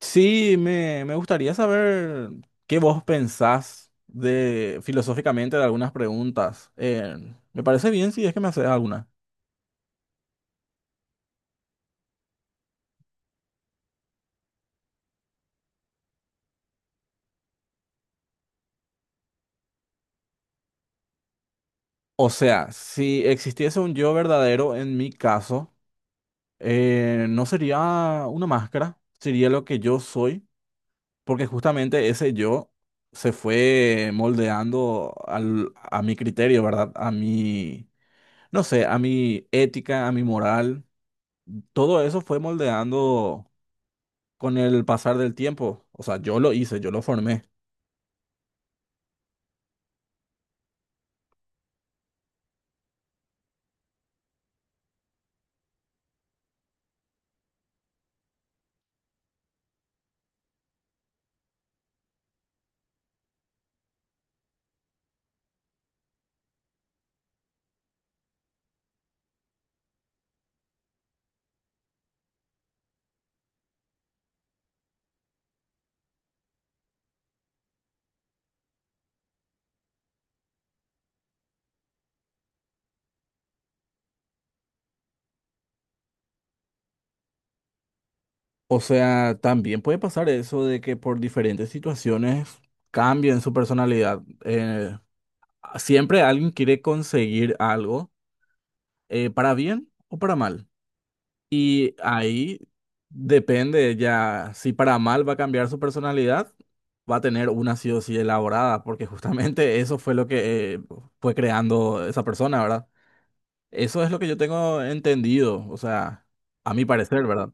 Sí, me gustaría saber qué vos pensás de filosóficamente de algunas preguntas. Me parece bien si es que me haces alguna. O sea, si existiese un yo verdadero en mi caso, no sería una máscara, sería lo que yo soy, porque justamente ese yo se fue moldeando a mi criterio, ¿verdad? A mi, no sé, a mi ética, a mi moral. Todo eso fue moldeando con el pasar del tiempo. O sea, yo lo hice, yo lo formé. O sea, también puede pasar eso de que por diferentes situaciones cambien su personalidad. Siempre alguien quiere conseguir algo, para bien o para mal. Y ahí depende ya si para mal va a cambiar su personalidad, va a tener una sí o sí elaborada, porque justamente eso fue lo que fue creando esa persona, ¿verdad? Eso es lo que yo tengo entendido, o sea, a mi parecer, ¿verdad?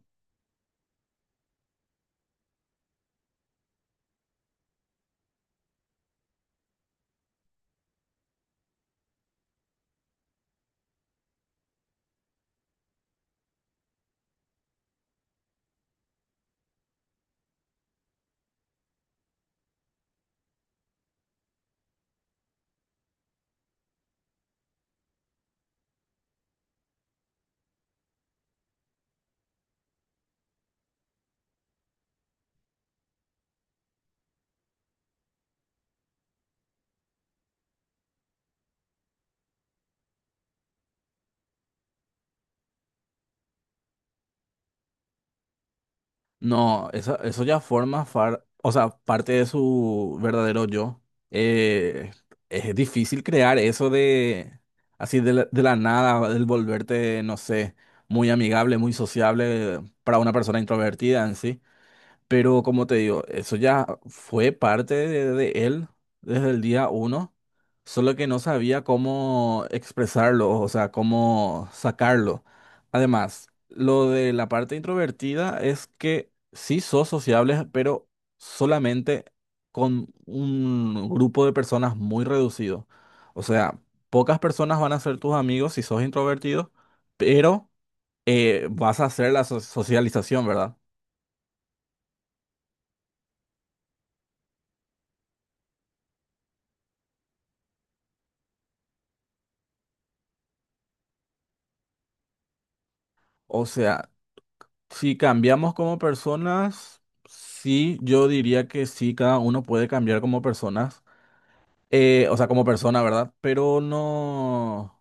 No, eso ya forma o sea, parte de su verdadero yo. Eh, es difícil crear eso de así de la nada, del volverte, no sé, muy amigable, muy sociable para una persona introvertida en sí. Pero como te digo, eso ya fue parte de él desde el día uno, solo que no sabía cómo expresarlo, o sea, cómo sacarlo. Además, lo de la parte introvertida es que sí sos sociable, pero solamente con un grupo de personas muy reducido. O sea, pocas personas van a ser tus amigos si sos introvertido, pero vas a hacer la socialización, ¿verdad? O sea, si cambiamos como personas, sí, yo diría que sí, cada uno puede cambiar como personas. O sea, como persona, ¿verdad? Pero no,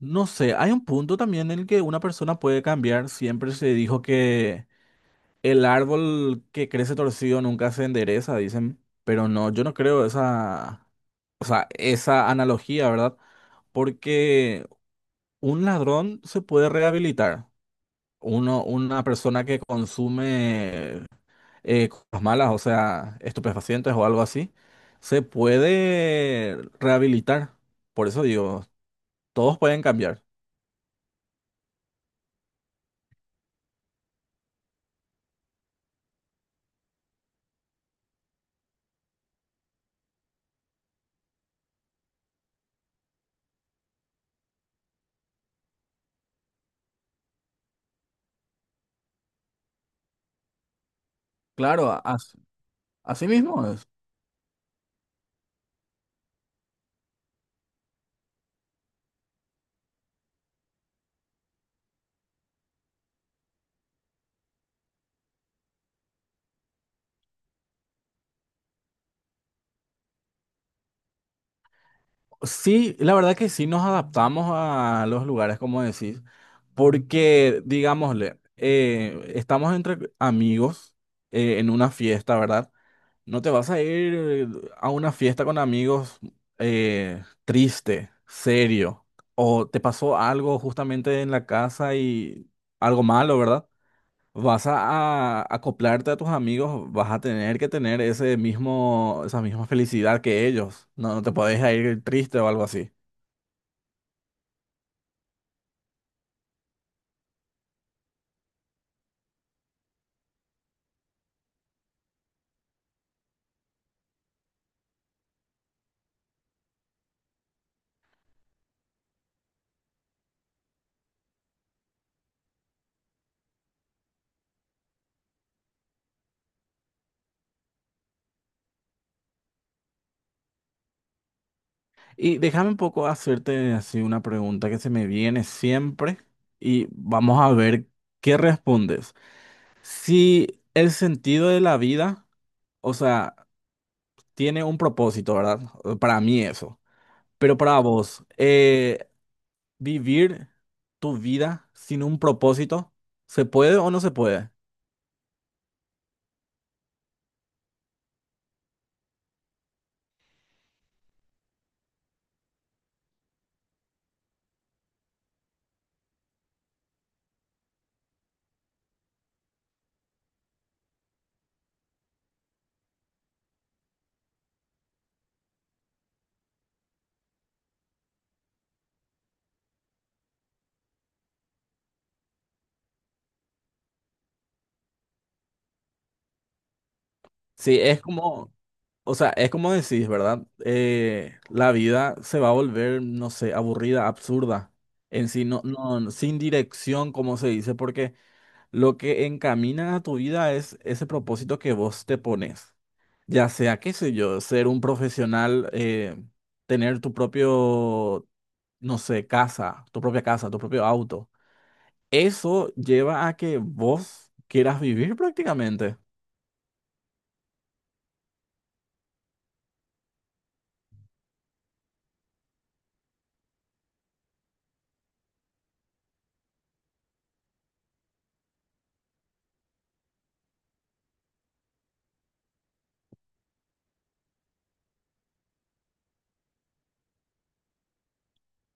no sé, hay un punto también en el que una persona puede cambiar. Siempre se dijo que el árbol que crece torcido nunca se endereza, dicen. Pero no, yo no creo esa, o sea, esa analogía, ¿verdad? Porque un ladrón se puede rehabilitar. Uno, una persona que consume cosas malas, o sea, estupefacientes o algo así, se puede rehabilitar. Por eso digo, todos pueden cambiar. Claro, así mismo es. Sí, la verdad que sí nos adaptamos a los lugares, como decís, porque, digámosle, estamos entre amigos en una fiesta, ¿verdad? No te vas a ir a una fiesta con amigos, triste, serio, o te pasó algo justamente en la casa y algo malo, ¿verdad? Vas a acoplarte a tus amigos, vas a tener que tener ese mismo, esa misma felicidad que ellos. No, no te podés ir triste o algo así. Y déjame un poco hacerte así una pregunta que se me viene siempre, y vamos a ver qué respondes. Si el sentido de la vida, o sea, tiene un propósito, ¿verdad? Para mí eso. Pero para vos, ¿vivir tu vida sin un propósito? ¿Se puede o no se puede? Sí, es como, o sea, es como decís, ¿verdad? La vida se va a volver, no sé, aburrida, absurda. En sí, no, no, no, sin dirección, como se dice, porque lo que encamina a tu vida es ese propósito que vos te pones. Ya sea, qué sé yo, ser un profesional, tener tu propio, no sé, casa, tu propia casa, tu propio auto. Eso lleva a que vos quieras vivir prácticamente.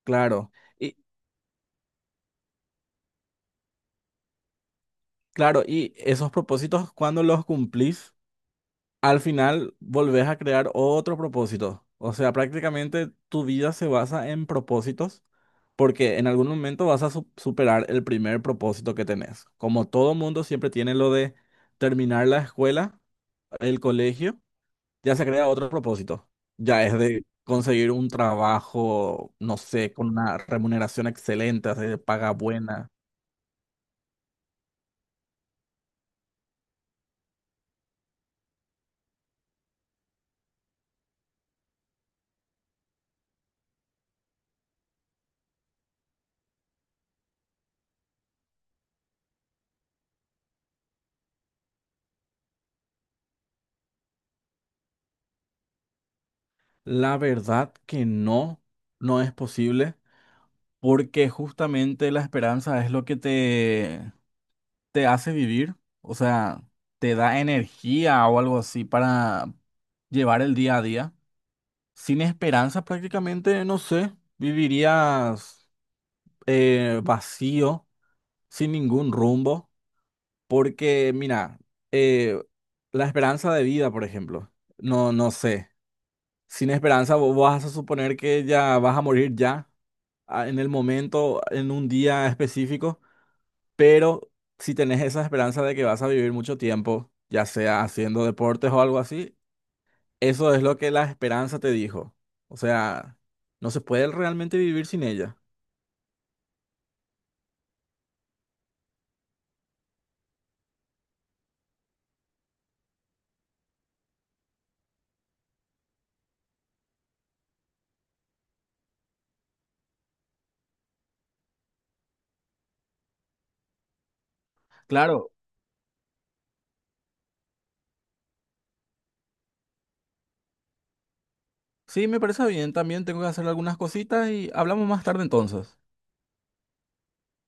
Claro. Y claro, ¿y esos propósitos, cuando los cumplís? Al final volvés a crear otro propósito. O sea, prácticamente tu vida se basa en propósitos porque en algún momento vas a superar el primer propósito que tenés. Como todo mundo siempre tiene lo de terminar la escuela, el colegio, ya se crea otro propósito. Ya es de conseguir un trabajo, no sé, con una remuneración excelente, hacer paga buena. La verdad que no, no es posible, porque justamente la esperanza es lo que te hace vivir, o sea, te da energía o algo así para llevar el día a día. Sin esperanza prácticamente, no sé, vivirías vacío, sin ningún rumbo, porque mira, eh, la esperanza de vida, por ejemplo, no, no sé, sin esperanza vos vas a suponer que ya vas a morir ya, en el momento, en un día específico. Pero si tenés esa esperanza de que vas a vivir mucho tiempo, ya sea haciendo deportes o algo así, eso es lo que la esperanza te dijo. O sea, no se puede realmente vivir sin ella. Claro, sí, me parece bien. También tengo que hacer algunas cositas y hablamos más tarde entonces.